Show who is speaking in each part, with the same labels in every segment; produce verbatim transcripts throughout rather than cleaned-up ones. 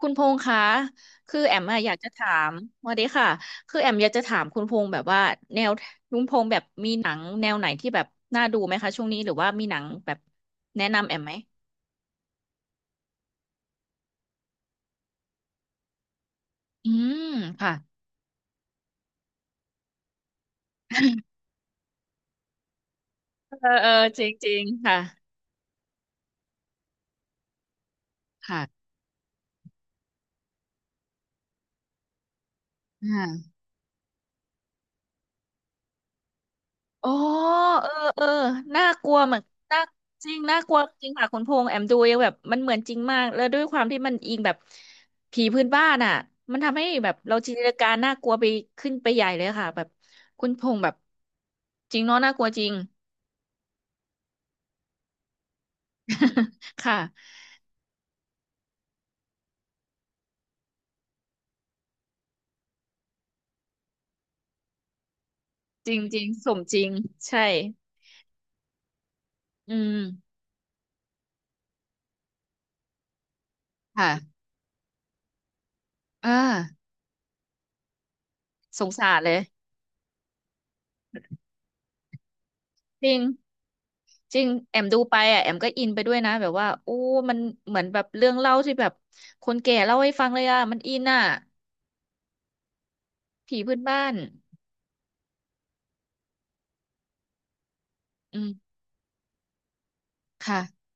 Speaker 1: คุณพงษ์คะคือแอมอะอยากจะถามสวัสดีค่ะคือแอมอยากจะถามคุณพงษ์แบบว่าแนวคุณพงษ์แบบมีหนังแนวไหนที่แบบน่าดูไหมคะช่วงนี้หรือว่ามีหนังแบบแนะนำแอมไหมอืมค่ะเออเออจริงจริงค่ะค่ะ อ๋อเออเออน่ากลัวเหมือนน่าจริงน่ากลัวจริงค่ะคุณพงษ์แอมดูยังแบบมันเหมือนจริงมากแล้วด้วยความที่มันอิงแบบผีพื้นบ้านอ่ะมันทำให้แบบเราจินตนาการน่ากลัวไปขึ้นไปใหญ่เลยค่ะแบบคุณพงษ์แบบจริงเนาะน่ากลัวจริง ค่ะจริงจริงสมจริงใช่อืมค่ะอ่าสงสารเลย จริงจริงแอมดูไปอ่ะแอมก็อินไปด้วยนะแบบว่าโอ้มันเหมือนแบบเรื่องเล่าที่แบบคนแก่เล่าให้ฟังเลยอ่ะมันอินอ่ะผีพื้นบ้านอืมค่ะ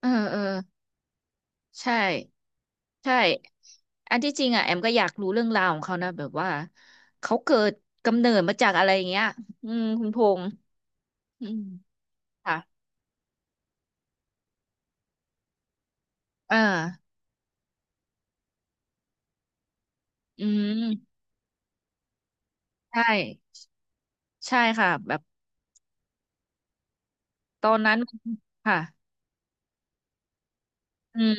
Speaker 1: เออเออใช่ใช่อันที่จริงอ่ะแอมก็อยากรู้เรื่องราวของเขานะแบบว่าเขาเกิดกำเนิดมาจากอะไรอย่างเงี้ยอืมคุณพงษ์อืมค่ะเอออืมใช่ใช่ค่ะแบบตอนนั้นมันค่ะอืม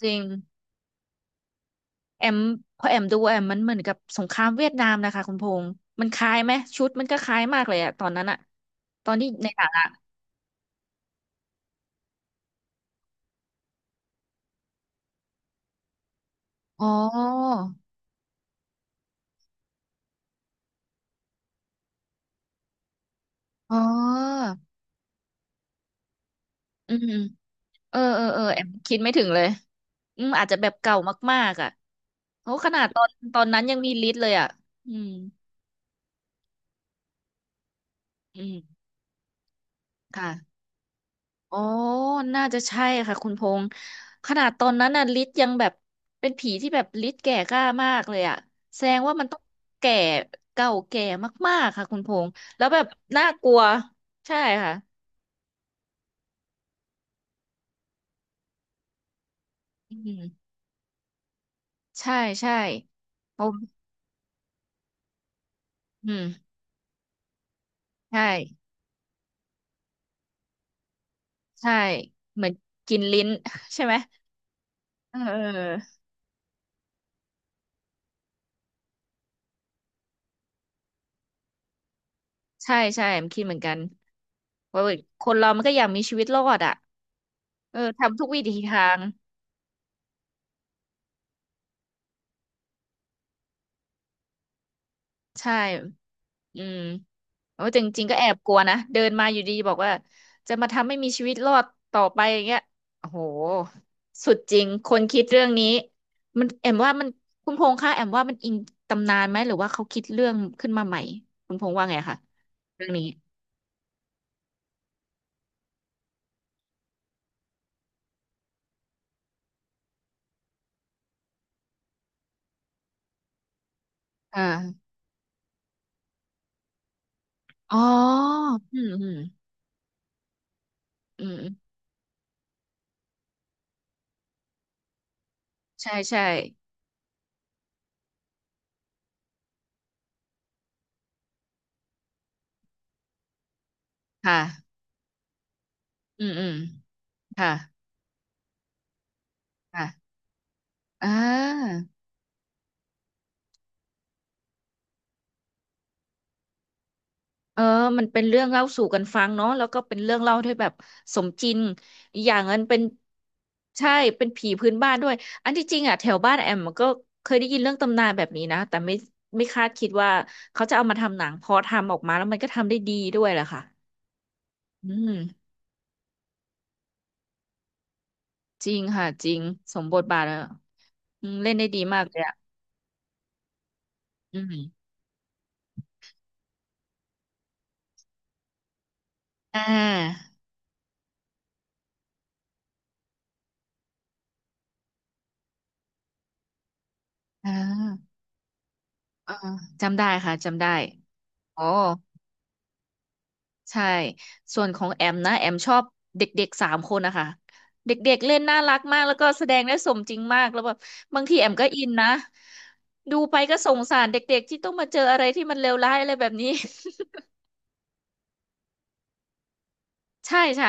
Speaker 1: จริง แอมพอแอมดูแอมมันเหมือนกับสงครามเวียดนามนะคะคุณพงษ์มันคล้ายไหมชุดมันก็คล้ายมากเลยอะตอนนั้นอะตอนที่ในหนังอะอ๋ออ๋ออืมเออเออเออแอมคิดไม่ถึงเลยอืมอาจจะแบบเก่ามากๆอะโอ้ขนาดตอนตอนนั้นยังมีลิสต์เลยอะอืมอืมค่ะ อ๋อน่าจะใช่ค่ะคุณพงษ์ขนาดตอนนั้นน่ะฤทธิ์ยังแบบเป็นผีที่แบบฤทธิ์แก่กล้ามากเลยอะแสดงว่ามันต้องแก่เก่าแก่มากๆค่ะคุณพงษ์แล้วแบบน่ากลัวใช่ค่ะอืมใช่ใช่ผมอืมใช่ใช่เหมือนกินลิ้น ใช่ไหมเออเออใช่ใช่ผมคิดเหมือนกันว่าคนเรามันก็อยากมีชีวิตรอดอะเออทำทุกวิถีทางใช่ อืมโอ้จริงๆก็แอบกลัวนะเดินมาอยู่ดีบอกว่าจะมาทำให้มีชีวิตรอดต่อไปอย่างเงี้ยโอ้โหสุดจริงคนคิดเรื่องนี้มันแอมว่ามันคุณพงษ์คะแอมว่ามันอิงตำนานไหมหรือว่าเขาคิดเรื่องขึ้นมาใหม่คุณพงษ์ว่าไงคะเรื่องนี้อ่าอ๋ออืมอืมอืมอืมใช่ใช่ค่ะอืมอืมค่ะค่ะอ่า เออมันเป็นเรื่องเล่าสู่กันฟังเนาะแล้วก็เป็นเรื่องเล่าที่แบบสมจริงอีกอย่างนั้นเป็นใช่เป็นผีพื้นบ้านด้วยอันที่จริงอ่ะแถวบ้านแอมมันก็เคยได้ยินเรื่องตำนานแบบนี้นะแต่ไม่ไม่คาดคิดว่าเขาจะเอามาทำหนังพอทำออกมาแล้วมันก็ทำได้ดีด้วยแหละค่ะอืมจริงค่ะจริงสมบทบาทอะอืมเล่นได้ดีมากเลยอ่ะอืมอ่าอ่าอ่าจำได้ค่ะจำได้อ๋อ ใช่ ส่วนของแอมนะแอมชอบเด็กๆสามคนนะคะเด็กๆเล่นน่ารักมากแล้วก็แสดงได้สมจริงมากแล้วแบบบางทีแอมก็อินนะดูไปก็สงสารเด็กๆที่ต้องมาเจออะไรที่มันเลวร้ายอะไรแบบนี้ ใช่ใช่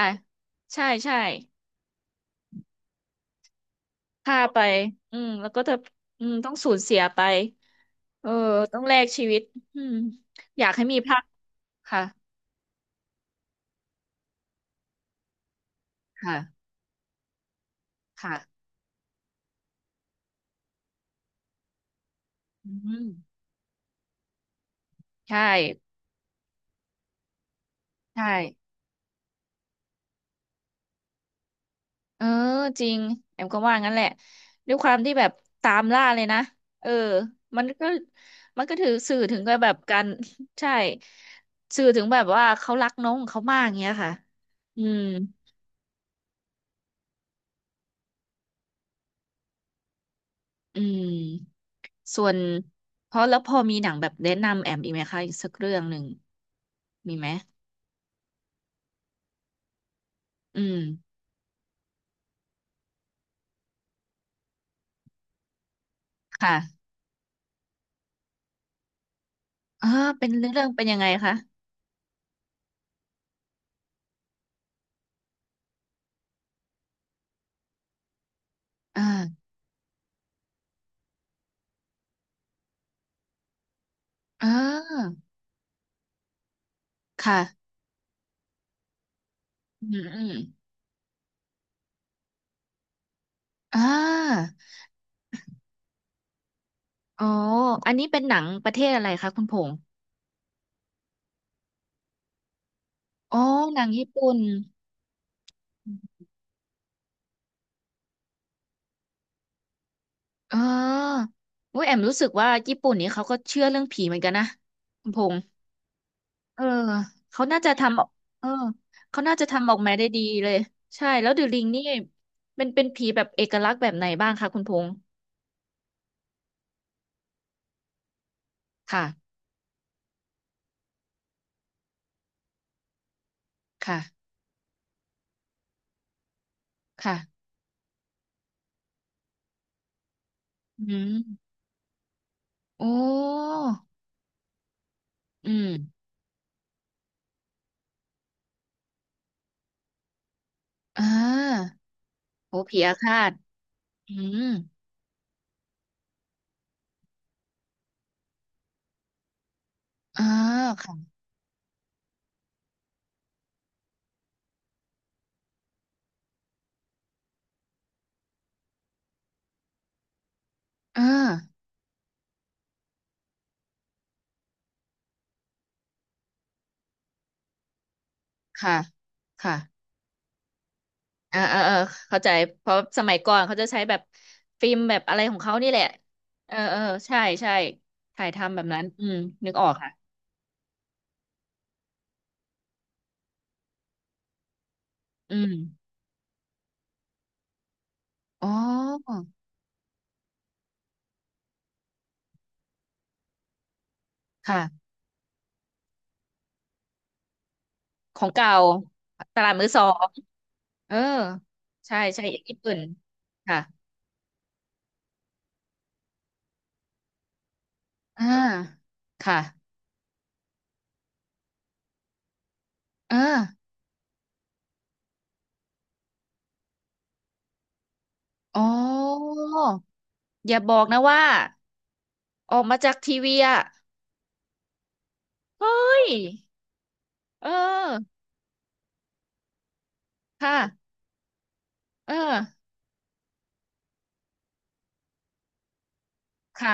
Speaker 1: ใช่ใช่ฆ่าไปอืมแล้วก็จะอืมต้องสูญเสียไปเออต้องแลกชีวิตอืมอยากให้มีภาคค่ะค่ะค่ะอืมใช่ใช่ เออจริงแอมก็ว่างั้นแหละด้วยความที่แบบตามล่าเลยนะเออมันก็มันก็ถือสื่อถึงก็แบบการ ใช่สื่อถึงแบบว่าเขารักน้องของเขามากเงี้ยค่ะอืมอืมส่วนเพราะแล้วพอมีหนังแบบแนะนำแอมอีกไหมคะอีกสักเรื่องหนึ่งมีไหมอืมค่ะเออเป็นเรื่องเป็นยังไงคะอ่าอ่าค่ะอืมอืมอ่า อ๋ออันนี้เป็นหนังประเทศอะไรคะคุณพงษ์อ๋อหนังญี่ปุ่น อ๋อโอุ้ยแอมรู้สึกว่าญี่ปุ่นนี้เขาก็เชื่อเรื่องผีเหมือนกันนะคุณพงษ์เออเขาน่าจะทำออกเออเขาน่าจะทำออกมาได้ดีเลยใช่แล้วเดอะลิงนี่เป็นเป็นผีแบบเอกลักษณ์แบบไหนบ้างคะคุณพงษ์ค่ะค่ะค่ะอืมโอ้อืมอ่าโอ้ผีอาฆาตอืมอ่าค่ะอ่าค่ะค่ะ อ่าอ่าเออเข้าใจเพราะสมัยก่อนเขาจะใช้แบบฟิล์มแบบอะไรของเขานี่แหละเออเออใช่ใช่ถ่ายทำแบบนั้นอืมนึกออกค่ะอืมอ๋อค่ะของเก่าตลาดมือสองเออใช่ใช่ญี่ปุ่นค่ะอ่าค่ะออาอ๋ออย่าบอกนะว่าออกมาจากทีวีอ่ะเฮ้ยเออค่ะเออค่ะ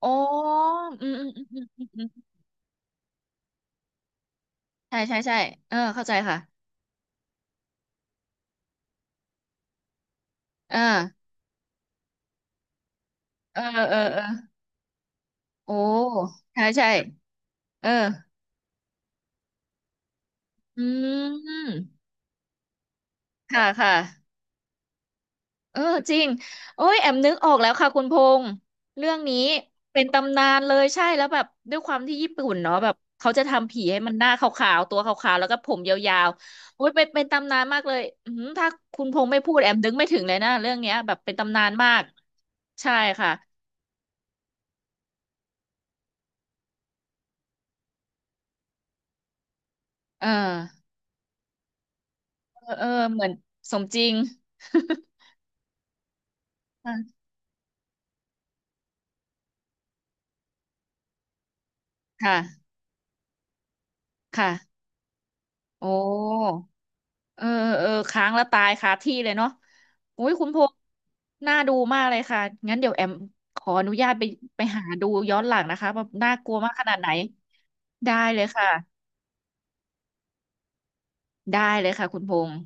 Speaker 1: อ๋ออืมอืมอืมอืม ใช่ใช่ใช่เออเข้าใจค่ะเออเออเออเออโอ้ใช่ใช่เอออืมค่ะค่ะเออจริงโอ้ยแอมนึกออกแล้วค่ะคุณพงษ์เรื่องนี้เป็นตำนานเลยใช่แล้วแบบด้วยความที่ญี่ปุ่นเนาะแบบเขาจะทำผีให้มันหน้าขาวๆตัวขาวๆแล้วก็ผมยาวๆโอ้ยเป็นเป็นตำนานมากเลยอืมถ้าคุณพงษ์ไม่พูดแอมนึกไม่ถึงเลยนะเรื่องเนี้ยแบบเป็นตำนานมากใช่ค่ะเออเออเออเหมือนสมจริง ค่ะค่ะ ค่ะ โอ้ เออ เออค้างแล้วตายคาที่เลยเนาะอุ้ยคุณพงษ์น่าดูมากเลยค่ะ งั้นเดี๋ยวแอมขออนุญาตไปไปหาดูย้อนหลังนะคะว่าน่ากลัวมากขนาดไหน ได้เลยค่ะ ได้เลยค่ะคุณพงษ์